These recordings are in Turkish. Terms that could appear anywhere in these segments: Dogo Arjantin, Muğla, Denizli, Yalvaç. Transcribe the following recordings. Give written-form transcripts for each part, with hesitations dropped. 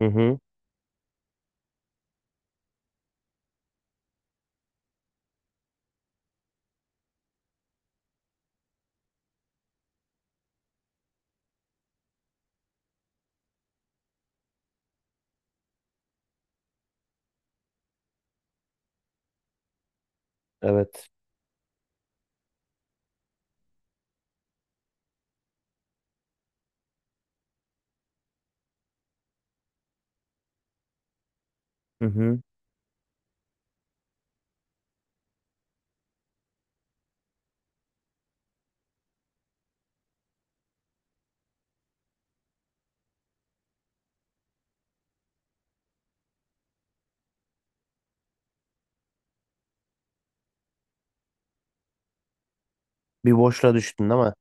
Hı hı. Evet. Hı hı. Bir boşluğa düştün değil mi?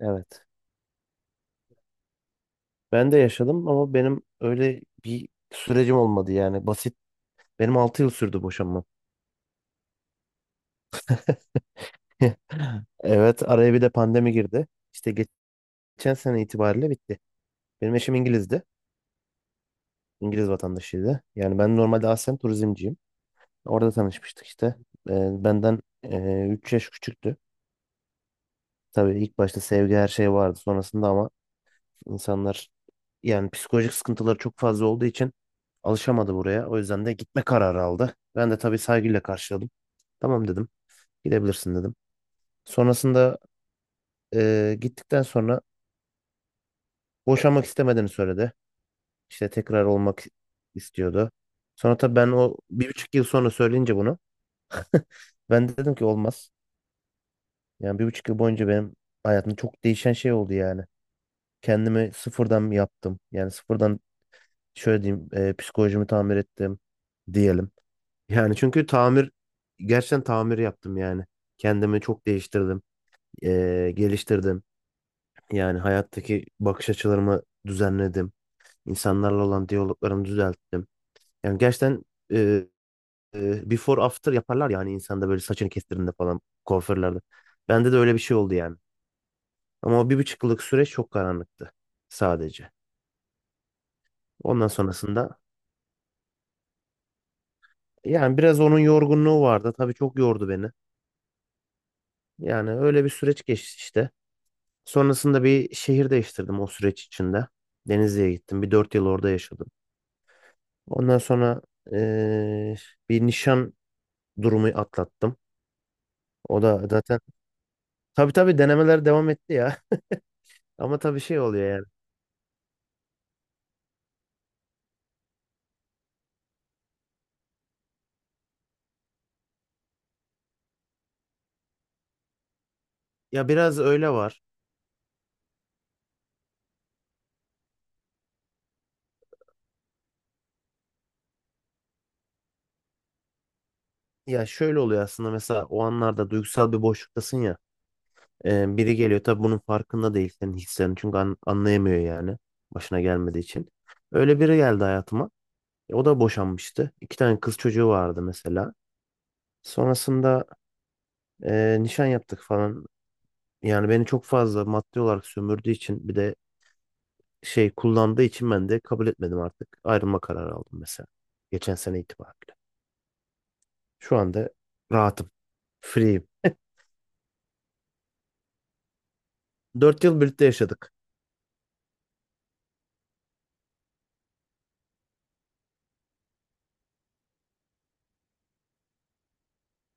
Evet. Ben de yaşadım ama benim öyle bir sürecim olmadı yani. Basit. Benim 6 yıl sürdü boşanmam. Evet. Araya bir de pandemi girdi. İşte geçen sene itibariyle bitti. Benim eşim İngiliz'di. İngiliz vatandaşıydı. Yani ben normalde aslen turizmciyim. Orada tanışmıştık işte. Benden 3 yaş küçüktü. Tabii ilk başta sevgi her şey vardı. Sonrasında ama İnsanlar yani psikolojik sıkıntıları çok fazla olduğu için alışamadı buraya. O yüzden de gitme kararı aldı. Ben de tabii saygıyla karşıladım. Tamam dedim. Gidebilirsin dedim. Sonrasında Gittikten sonra boşanmak istemediğini söyledi. İşte tekrar olmak istiyordu. Sonra tabii ben o 1,5 yıl sonra söyleyince bunu, ben de dedim ki olmaz. Yani 1,5 yıl boyunca benim hayatımda çok değişen şey oldu yani. Kendimi sıfırdan yaptım. Yani sıfırdan şöyle diyeyim, Psikolojimi tamir ettim diyelim. Yani çünkü tamir, gerçekten tamir yaptım yani. Kendimi çok değiştirdim, geliştirdim. Yani hayattaki bakış açılarımı düzenledim. İnsanlarla olan diyaloglarımı düzelttim. Yani gerçekten before after yaparlar yani insanda, böyle saçını kestirdiğinde falan kuaförlerde. Bende de öyle bir şey oldu yani. Ama o 1,5 yıllık süreç çok karanlıktı sadece. Ondan sonrasında yani biraz onun yorgunluğu vardı. Tabii çok yordu beni. Yani öyle bir süreç geçti işte. Sonrasında bir şehir değiştirdim o süreç içinde. Denizli'ye gittim. Bir 4 yıl orada yaşadım. Ondan sonra eee, bir nişan durumu atlattım. O da zaten, tabii tabii denemeler devam etti ya. Ama tabii şey oluyor yani. Ya biraz öyle var. Ya şöyle oluyor aslında, mesela o anlarda duygusal bir boşluktasın ya. Biri geliyor, tabii bunun farkında değil senin hislerini. Çünkü anlayamıyor yani, başına gelmediği için. Öyle biri geldi hayatıma. O da boşanmıştı. İki tane kız çocuğu vardı mesela. Sonrasında nişan yaptık falan. Yani beni çok fazla maddi olarak sömürdüğü için, bir de şey kullandığı için ben de kabul etmedim artık. Ayrılma kararı aldım mesela. Geçen sene itibariyle. Şu anda rahatım. Free'yim. 4 yıl birlikte yaşadık.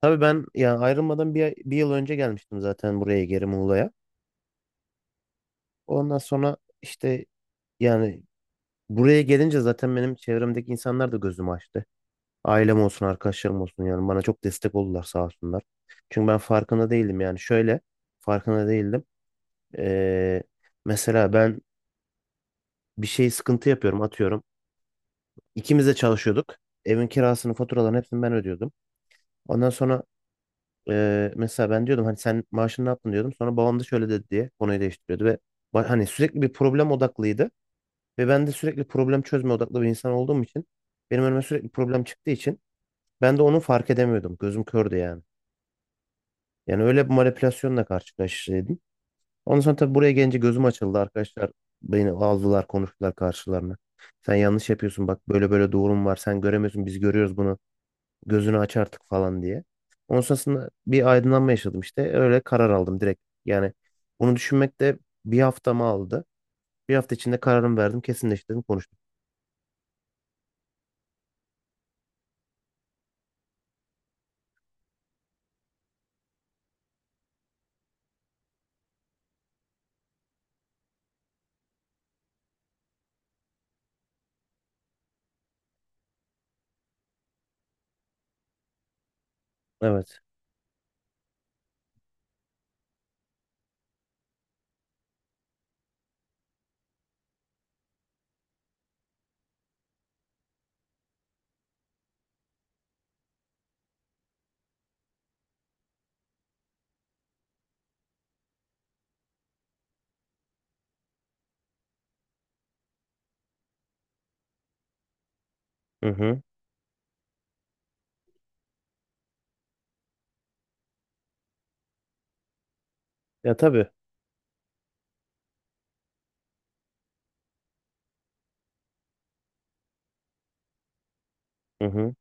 Tabii ben yani ayrılmadan bir yıl önce gelmiştim zaten buraya geri Muğla'ya. Ondan sonra işte yani buraya gelince zaten benim çevremdeki insanlar da gözümü açtı. Ailem olsun, arkadaşlarım olsun yani, bana çok destek oldular sağ olsunlar. Çünkü ben farkında değildim, yani şöyle farkında değildim. Ee, mesela ben bir şey sıkıntı yapıyorum, atıyorum. İkimiz de çalışıyorduk. Evin kirasını, faturalarını hepsini ben ödüyordum. Ondan sonra Mesela ben diyordum hani, sen maaşını ne yaptın diyordum. Sonra babam da şöyle dedi diye konuyu değiştiriyordu ve hani sürekli bir problem odaklıydı. Ve ben de sürekli problem çözme odaklı bir insan olduğum için, benim önüme sürekli problem çıktığı için ben de onu fark edemiyordum. Gözüm kördü yani. Yani öyle bir manipülasyonla karşılaştıydım. Ondan sonra tabii buraya gelince gözüm açıldı arkadaşlar. Beni aldılar, konuştular karşılarına. Sen yanlış yapıyorsun bak, böyle böyle doğrum var. Sen göremiyorsun, biz görüyoruz bunu. Gözünü aç artık falan diye. Ondan sonrasında bir aydınlanma yaşadım işte. Öyle karar aldım direkt. Yani bunu düşünmek de bir haftamı aldı. Bir hafta içinde kararımı verdim, kesinleştirdim, konuştum. Evet. Hı hı. Ya tabii. Hı hı.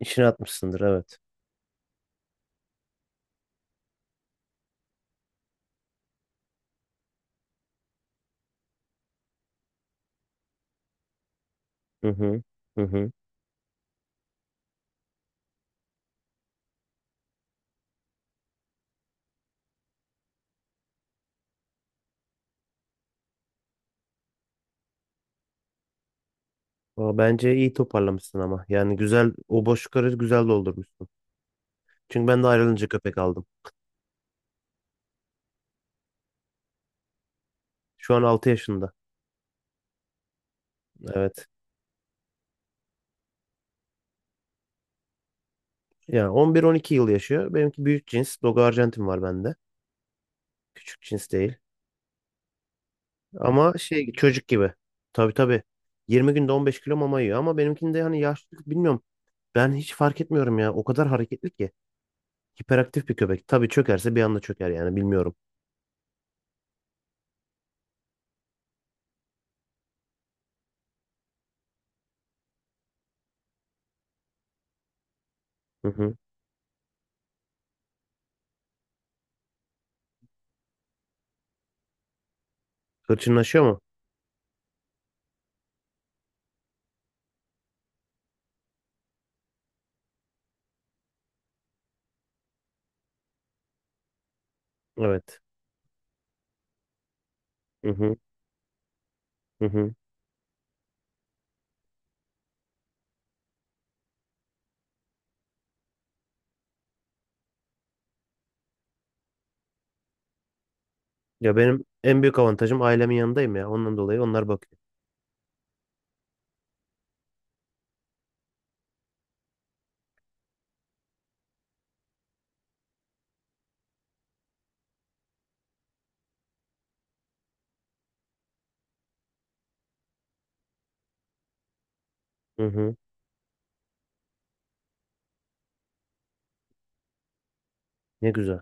İşine atmışsındır, evet. Hı hı. Hı hı. Aa, bence iyi toparlamışsın ama. Yani güzel, o boşlukları güzel doldurmuşsun. Çünkü ben de ayrılınca köpek aldım. Şu an 6 yaşında. Evet. Yani 11-12 yıl yaşıyor. Benimki büyük cins. Dogo Arjantin var bende. Küçük cins değil. Ama şey, çocuk gibi. Tabii tabii. 20 günde 15 kilo mama yiyor ama benimkinde hani yaşlılık bilmiyorum. Ben hiç fark etmiyorum ya. O kadar hareketli ki. Hiperaktif bir köpek. Tabii çökerse bir anda çöker yani, bilmiyorum. Hı hı. Hırçınlaşıyor mu? Evet. Hı hı. Hı hı. Ya benim en büyük avantajım, ailemin yanındayım ya. Ondan dolayı onlar bakıyor. Hı hı. Ne güzel.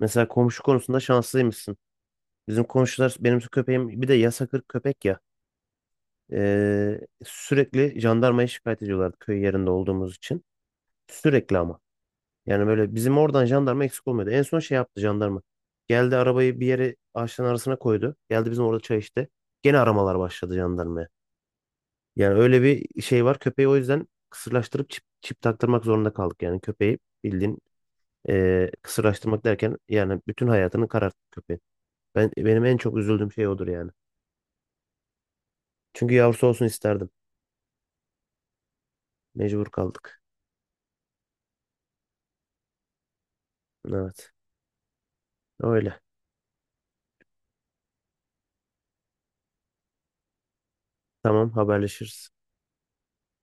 Mesela komşu konusunda şanslıymışsın. Bizim komşular, benim köpeğim bir de yasakır köpek ya. Sürekli jandarmaya şikayet ediyorlardı, köy yerinde olduğumuz için. Sürekli ama. Yani böyle bizim oradan jandarma eksik olmuyordu. En son şey yaptı jandarma. Geldi arabayı bir yere ağaçların arasına koydu. Geldi bizim orada çay içti. Gene aramalar başladı jandarmaya. Yani öyle bir şey var. Köpeği o yüzden kısırlaştırıp çip taktırmak zorunda kaldık. Yani köpeği bildiğin, kısırlaştırmak derken yani, bütün hayatını kararttı köpeğin. Benim en çok üzüldüğüm şey odur yani. Çünkü yavrusu olsun isterdim. Mecbur kaldık. Evet. Öyle. Tamam, haberleşiriz.